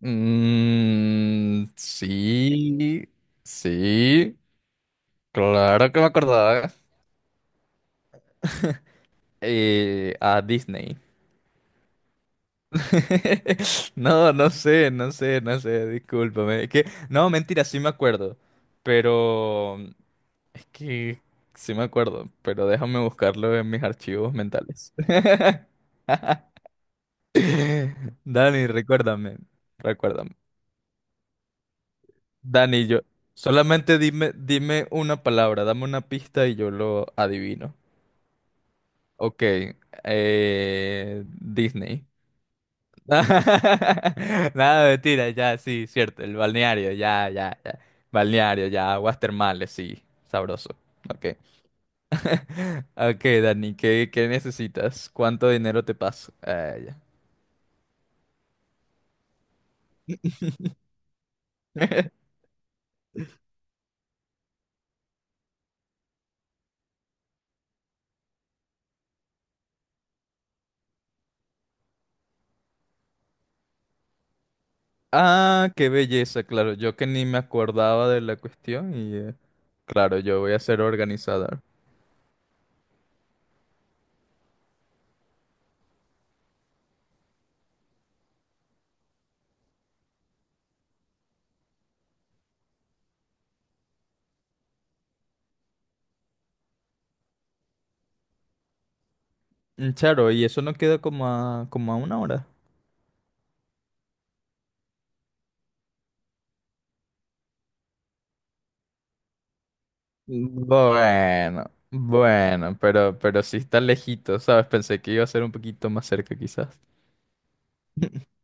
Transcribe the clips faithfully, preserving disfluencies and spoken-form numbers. Mm, sí, sí, claro que me acordaba. Eh, a Disney. No, no sé, no sé, no sé, discúlpame. Es que, no, mentira, sí me acuerdo. Pero es que sí me acuerdo, pero déjame buscarlo en mis archivos mentales. Dani, recuérdame, recuérdame. Dani, yo, solamente dime, dime una palabra, dame una pista y yo lo adivino. Ok, eh, Disney. Nada, mentira, ya, sí, cierto, el balneario, ya, ya, ya. Balneario, ya, aguas termales, sí, sabroso. Ok. Ok, Dani, ¿qué, qué necesitas? ¿Cuánto dinero te paso? Ah, ya. Ah, qué belleza, claro, yo que ni me acordaba de la cuestión y eh, claro, yo voy a ser organizador. Mm, claro, y eso no queda como a, como a una hora. Bueno, bueno, pero, pero sí está lejito, ¿sabes? Pensé que iba a ser un poquito más cerca quizás.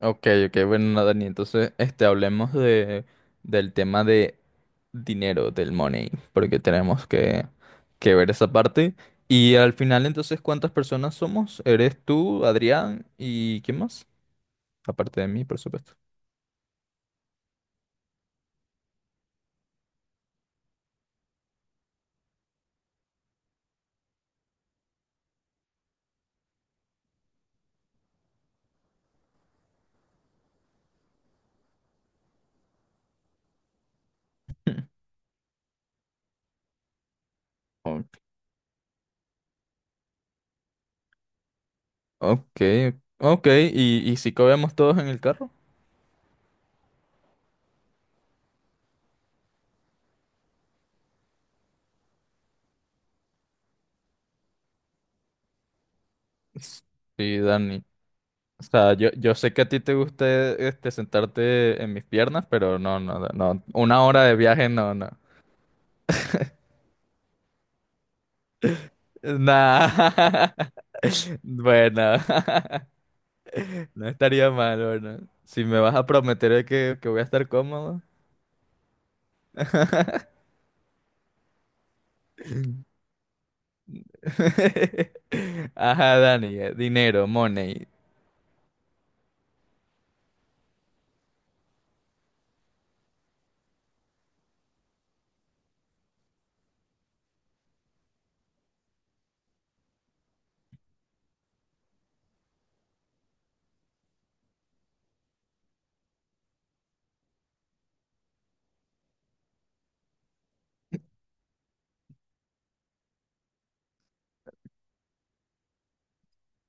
Ok, ok, bueno, no, Dani, entonces, este, hablemos de, del tema de dinero, del money, porque tenemos que, que ver esa parte. Y al final, entonces, ¿cuántas personas somos? ¿Eres tú, Adrián y quién más? Aparte de mí, por supuesto. Ok, ok, ¿y, y si cabemos todos en el carro? S- Sí, Dani. O sea, yo, yo sé que a ti te gusta este, sentarte en mis piernas, pero no, no, no. Una hora de viaje, no, no. Nah. Bueno, no estaría mal, bueno. Si me vas a prometer que, que voy a estar cómodo. Ajá, Dani, eh, dinero, money.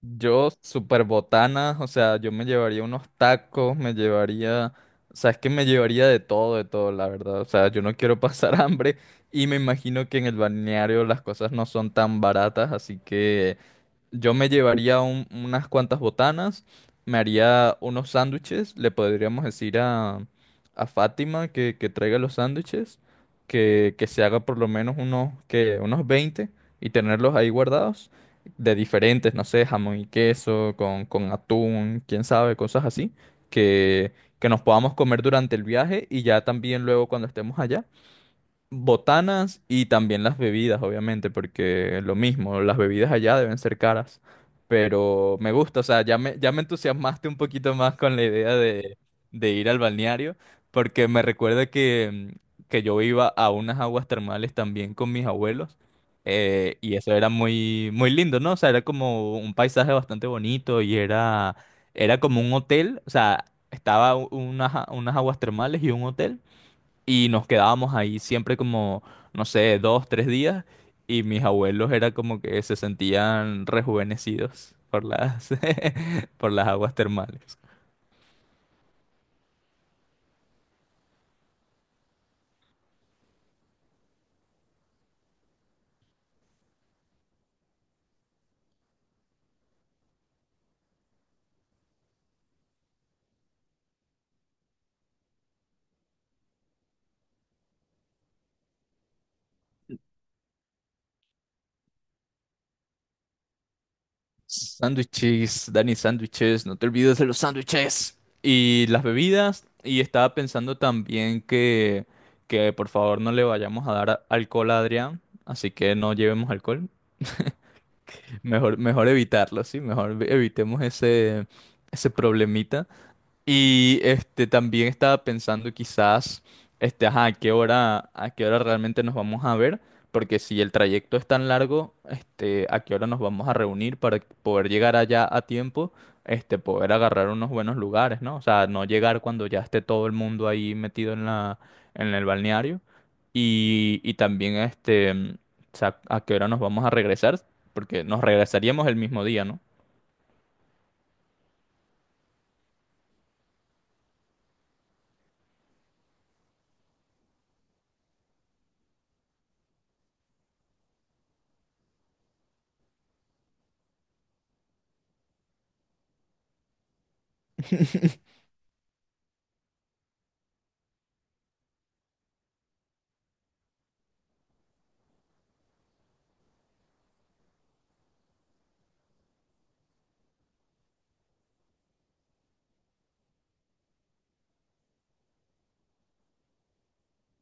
Yo, super botana, o sea, yo me llevaría unos tacos, me llevaría, o sea, es que me llevaría de todo, de todo, la verdad. O sea, yo no quiero pasar hambre y me imagino que en el balneario las cosas no son tan baratas, así que yo me llevaría un- unas cuantas botanas, me haría unos sándwiches, le podríamos decir a, a Fátima que, que traiga los sándwiches, que, que se haga por lo menos unos, que, unos veinte y tenerlos ahí guardados, de diferentes, no sé, jamón y queso, con, con atún, quién sabe, cosas así, que, que nos podamos comer durante el viaje y ya también luego cuando estemos allá botanas y también las bebidas, obviamente, porque lo mismo, las bebidas allá deben ser caras. Pero me gusta, o sea, ya me, ya me entusiasmaste un poquito más con la idea de, de ir al balneario, porque me recuerda que, que yo iba a unas aguas termales también con mis abuelos. eh, y eso era muy, muy lindo, ¿no? O sea, era como un paisaje bastante bonito y era, era como un hotel, o sea, estaba u- unas, a- unas aguas termales y un hotel. Y nos quedábamos ahí siempre como, no sé, dos, tres días. Y mis abuelos era como que se sentían rejuvenecidos por las, por las aguas termales. Sándwiches, Dani, sándwiches, no te olvides de los sándwiches. Y las bebidas. Y estaba pensando también que, que por favor no le vayamos a dar alcohol a Adrián. Así que no llevemos alcohol. Mejor, mejor evitarlo, ¿sí? Mejor evitemos ese, ese problemita. Y este también estaba pensando quizás este ajá, a qué hora a qué hora realmente nos vamos a ver, porque si el trayecto es tan largo, este a qué hora nos vamos a reunir para poder llegar allá a tiempo, este poder agarrar unos buenos lugares, ¿no? O sea, no llegar cuando ya esté todo el mundo ahí metido en la en el balneario y y también este mm, o sea, a qué hora nos vamos a regresar, porque nos regresaríamos el mismo día, ¿no?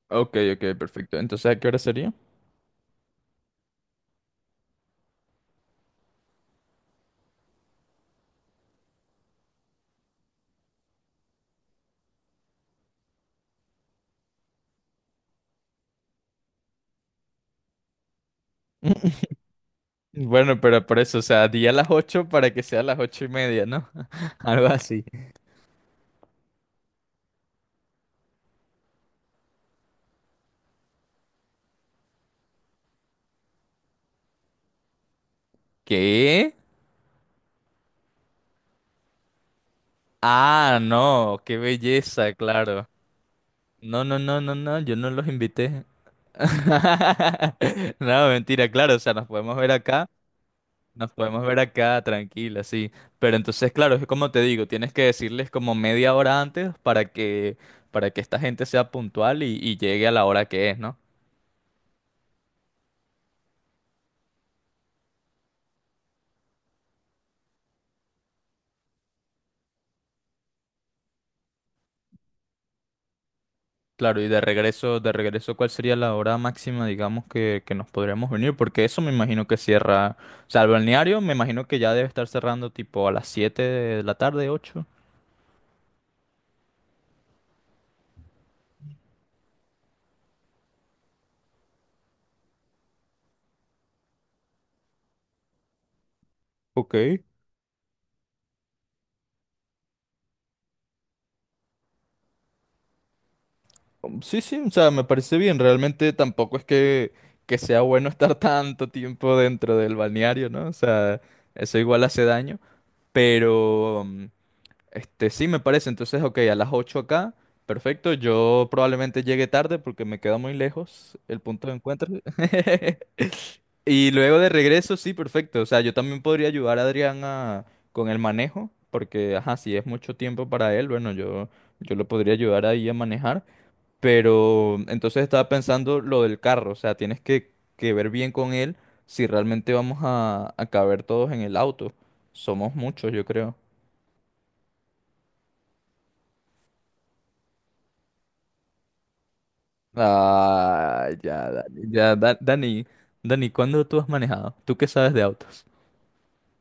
Ok, ok, perfecto. Entonces, ¿a qué hora sería? Bueno, pero por eso, o sea, di a las ocho para que sea a las ocho y media, ¿no? Algo así. ¿Qué? Ah, no, qué belleza, claro. No, no, no, no, no, yo no los invité. No, mentira, claro, o sea, nos podemos ver acá, nos podemos ver acá, tranquila, sí. Pero entonces, claro, es como te digo, tienes que decirles como media hora antes para que, para que esta gente sea puntual y, y llegue a la hora que es, ¿no? Claro, y de regreso, de regreso, ¿cuál sería la hora máxima, digamos, que, que nos podríamos venir? Porque eso me imagino que cierra, o sea, el balneario me imagino que ya debe estar cerrando tipo a las siete de la tarde, ocho. Ok. Um, Sí, sí, o sea, me parece bien. Realmente tampoco es que, que sea bueno estar tanto tiempo dentro del balneario, ¿no? O sea, eso igual hace daño, pero. Este, sí, me parece. Entonces, ok, a las ocho acá. Perfecto. Yo probablemente llegue tarde porque me queda muy lejos el punto de encuentro. Y luego de regreso, sí, perfecto. O sea, yo también podría ayudar a Adrián a- con el manejo, porque, ajá, si es mucho tiempo para él, bueno, yo, yo lo podría ayudar ahí a manejar. Pero entonces estaba pensando lo del carro, o sea, tienes que, que ver bien con él si realmente vamos a, a caber todos en el auto. Somos muchos, yo creo. Ah, ya, Dani. Ya, Da- Dani. Dani, ¿cuándo tú has manejado? ¿Tú qué sabes de autos?